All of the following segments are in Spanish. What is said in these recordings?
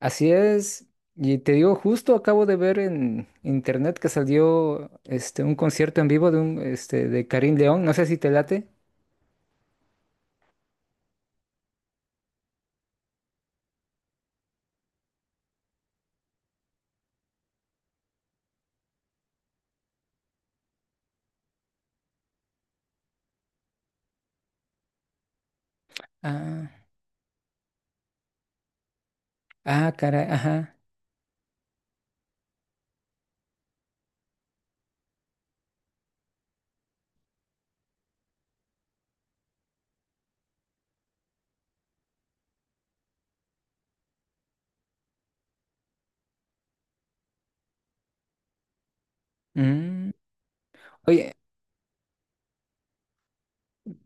Así es. Y te digo, justo acabo de ver en internet que salió un concierto en vivo de un este de Karim León. No sé si te late. Ah, ah, caray, ajá. Mm. Oye,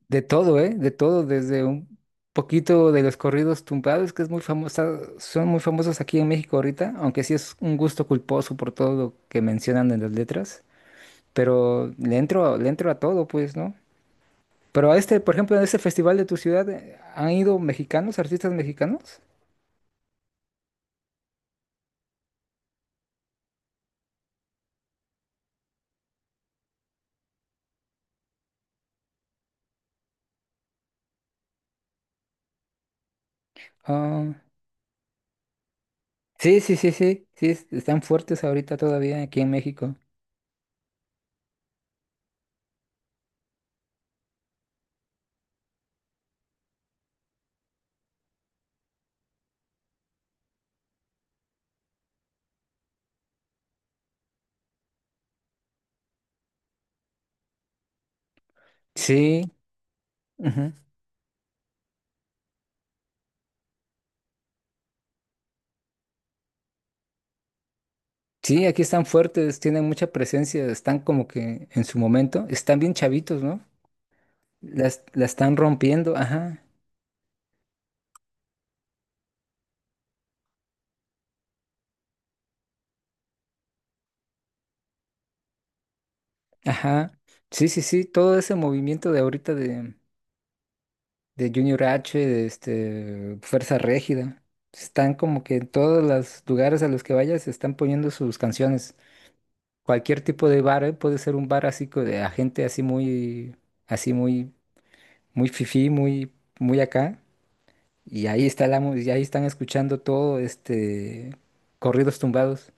de todo, ¿eh? De todo, desde un poquito de los corridos tumbados, que es muy famosa, son muy famosos aquí en México ahorita, aunque sí es un gusto culposo por todo lo que mencionan en las letras. Pero le entro a todo, pues, ¿no? Pero a este, por ejemplo, a este festival de tu ciudad, ¿han ido mexicanos, artistas mexicanos? Ah, sí, sí, sí, sí, sí, están fuertes ahorita todavía aquí en México. Sí, ujú. Sí, aquí están fuertes, tienen mucha presencia, están como que en su momento, están bien chavitos, ¿no? La están rompiendo, ajá, ajá. Sí, sí, sí, todo ese movimiento de ahorita de Junior H, de Fuerza Régida, están como que en todos los lugares a los que vayas están poniendo sus canciones. Cualquier tipo de bar, ¿eh? Puede ser un bar así de a gente así muy, muy fifí, muy, muy acá. Y ahí está y ahí están escuchando todo, corridos tumbados.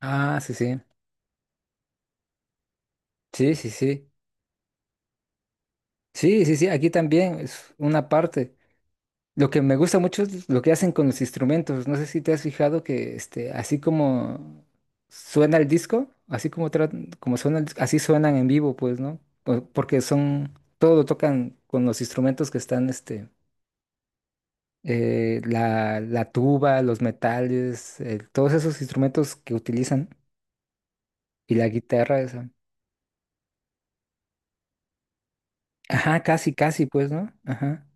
Ah, sí, sí. Sí, sí, sí. Sí, sí, sí, aquí también es una parte. Lo que me gusta mucho es lo que hacen con los instrumentos. No sé si te has fijado que así como suena el disco, así como, como suena el así suenan en vivo, pues, ¿no? Porque son, todo lo tocan con los instrumentos que están, la tuba, los metales, todos esos instrumentos que utilizan y la guitarra esa. Ajá, casi, casi, pues, ¿no? Ajá.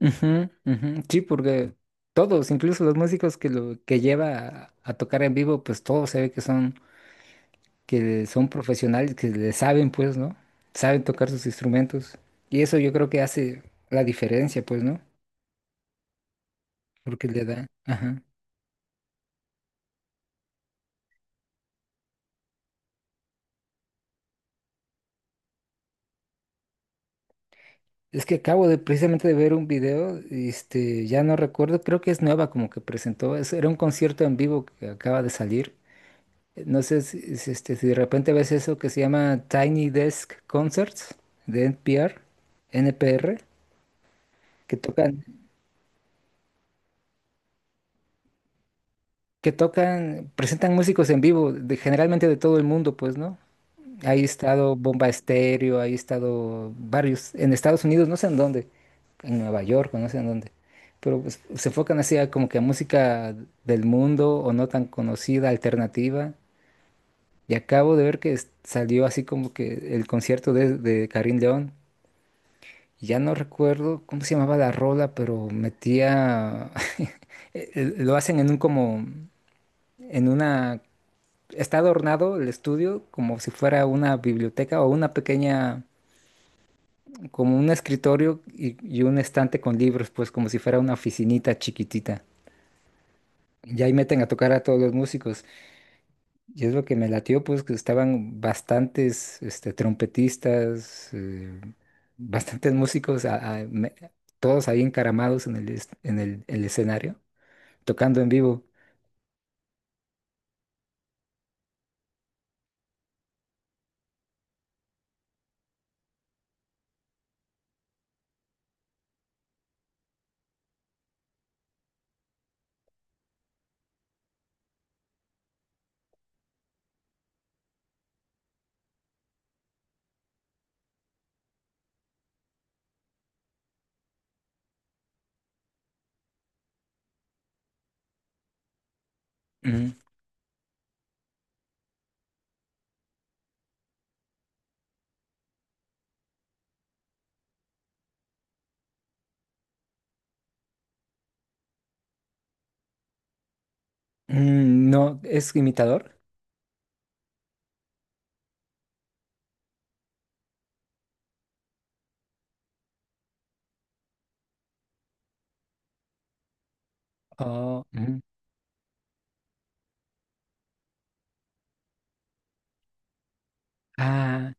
Ujú, ujú. Sí, porque todos, incluso los músicos que lo que lleva a tocar en vivo, pues todos se ve que son profesionales, que le saben, pues, ¿no? Saben tocar sus instrumentos. Y eso yo creo que hace la diferencia, pues, ¿no? Porque le da, ajá. Es que acabo de precisamente de ver un video, ya no recuerdo, creo que es nueva como que presentó, era un concierto en vivo que acaba de salir. No sé si si de repente ves eso que se llama Tiny Desk Concerts de NPR, que tocan, que tocan, presentan músicos en vivo, de, generalmente de todo el mundo, pues, ¿no? Ahí ha estado Bomba Estéreo, ahí ha estado varios, en Estados Unidos, no sé en dónde, en Nueva York, o no sé en dónde, pero pues, se enfocan así a como que a música del mundo o no tan conocida, alternativa. Y acabo de ver que salió así como que el concierto de Karim León. Ya no recuerdo cómo se llamaba la rola, pero metía, lo hacen en un como, en una, está adornado el estudio como si fuera una biblioteca o una pequeña, como un escritorio y un estante con libros, pues como si fuera una oficinita chiquitita. Y ahí meten a tocar a todos los músicos. Y es lo que me latió, pues que estaban bastantes trompetistas, bastantes músicos, todos ahí encaramados en el escenario, tocando en vivo. Ujú. Mm, no, ¿es imitador? Oh, ujú. Ah,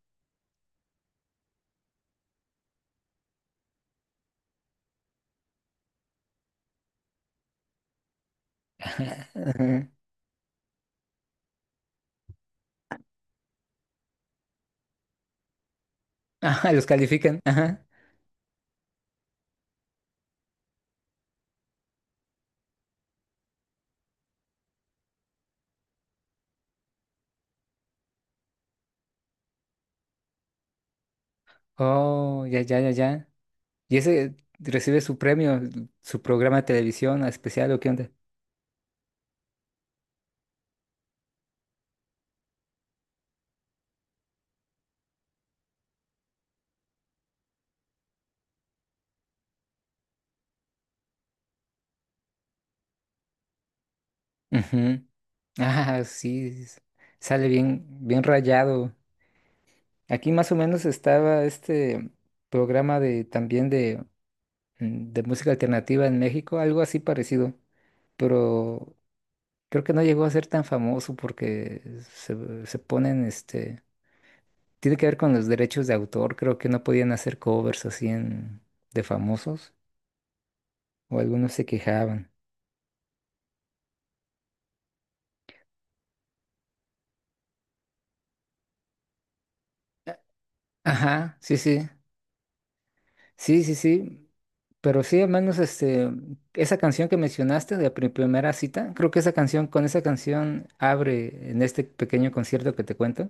ujú. Ajá, ajá, los califican. Ajá. Oh, ya, ya, ya, ya. Y ese recibe su premio, su programa de televisión especial, ¿o qué onda? Ujú. Ah, sí, sale bien, bien rayado. Aquí más o menos estaba este programa de también de música alternativa en México, algo así parecido, pero creo que no llegó a ser tan famoso porque se ponen, tiene que ver con los derechos de autor, creo que no podían hacer covers así en, de famosos, o algunos se quejaban. Ajá, sí, sí. Sí, sí, sí. Pero sí, al menos esa canción que mencionaste de primera cita, creo que esa canción, con esa canción abre en este pequeño concierto que te cuento,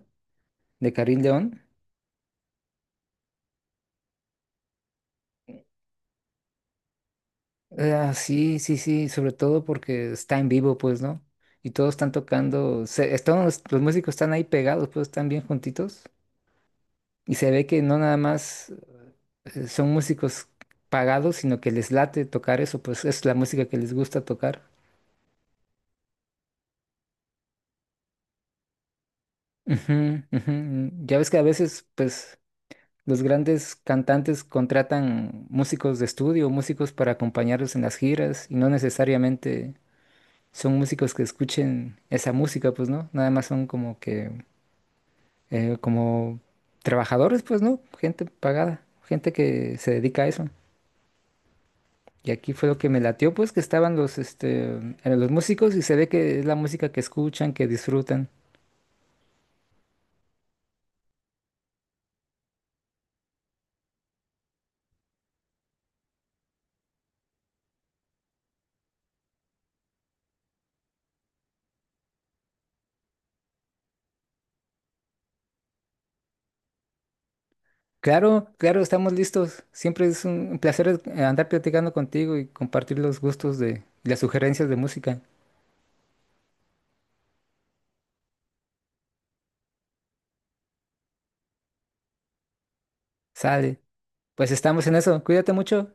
de Karim León. Ah, sí, sí, sí, sobre todo porque está en vivo, pues, ¿no? Y todos están tocando, todos los músicos están ahí pegados, pues están bien juntitos. Y se ve que no nada más son músicos pagados, sino que les late tocar eso, pues es la música que les gusta tocar. Ujú, ujú. Ya ves que a veces, pues, los grandes cantantes contratan músicos de estudio, músicos para acompañarlos en las giras, y no necesariamente son músicos que escuchen esa música, pues, ¿no? Nada más son como que, como trabajadores, pues, ¿no? Gente pagada, gente que se dedica a eso. Y aquí fue lo que me latió, pues, que estaban los, los músicos y se ve que es la música que escuchan, que disfrutan. Claro, claro, estamos listos. Siempre es un placer andar platicando contigo y compartir los gustos de las sugerencias de música. Sale. Pues estamos en eso. Cuídate mucho.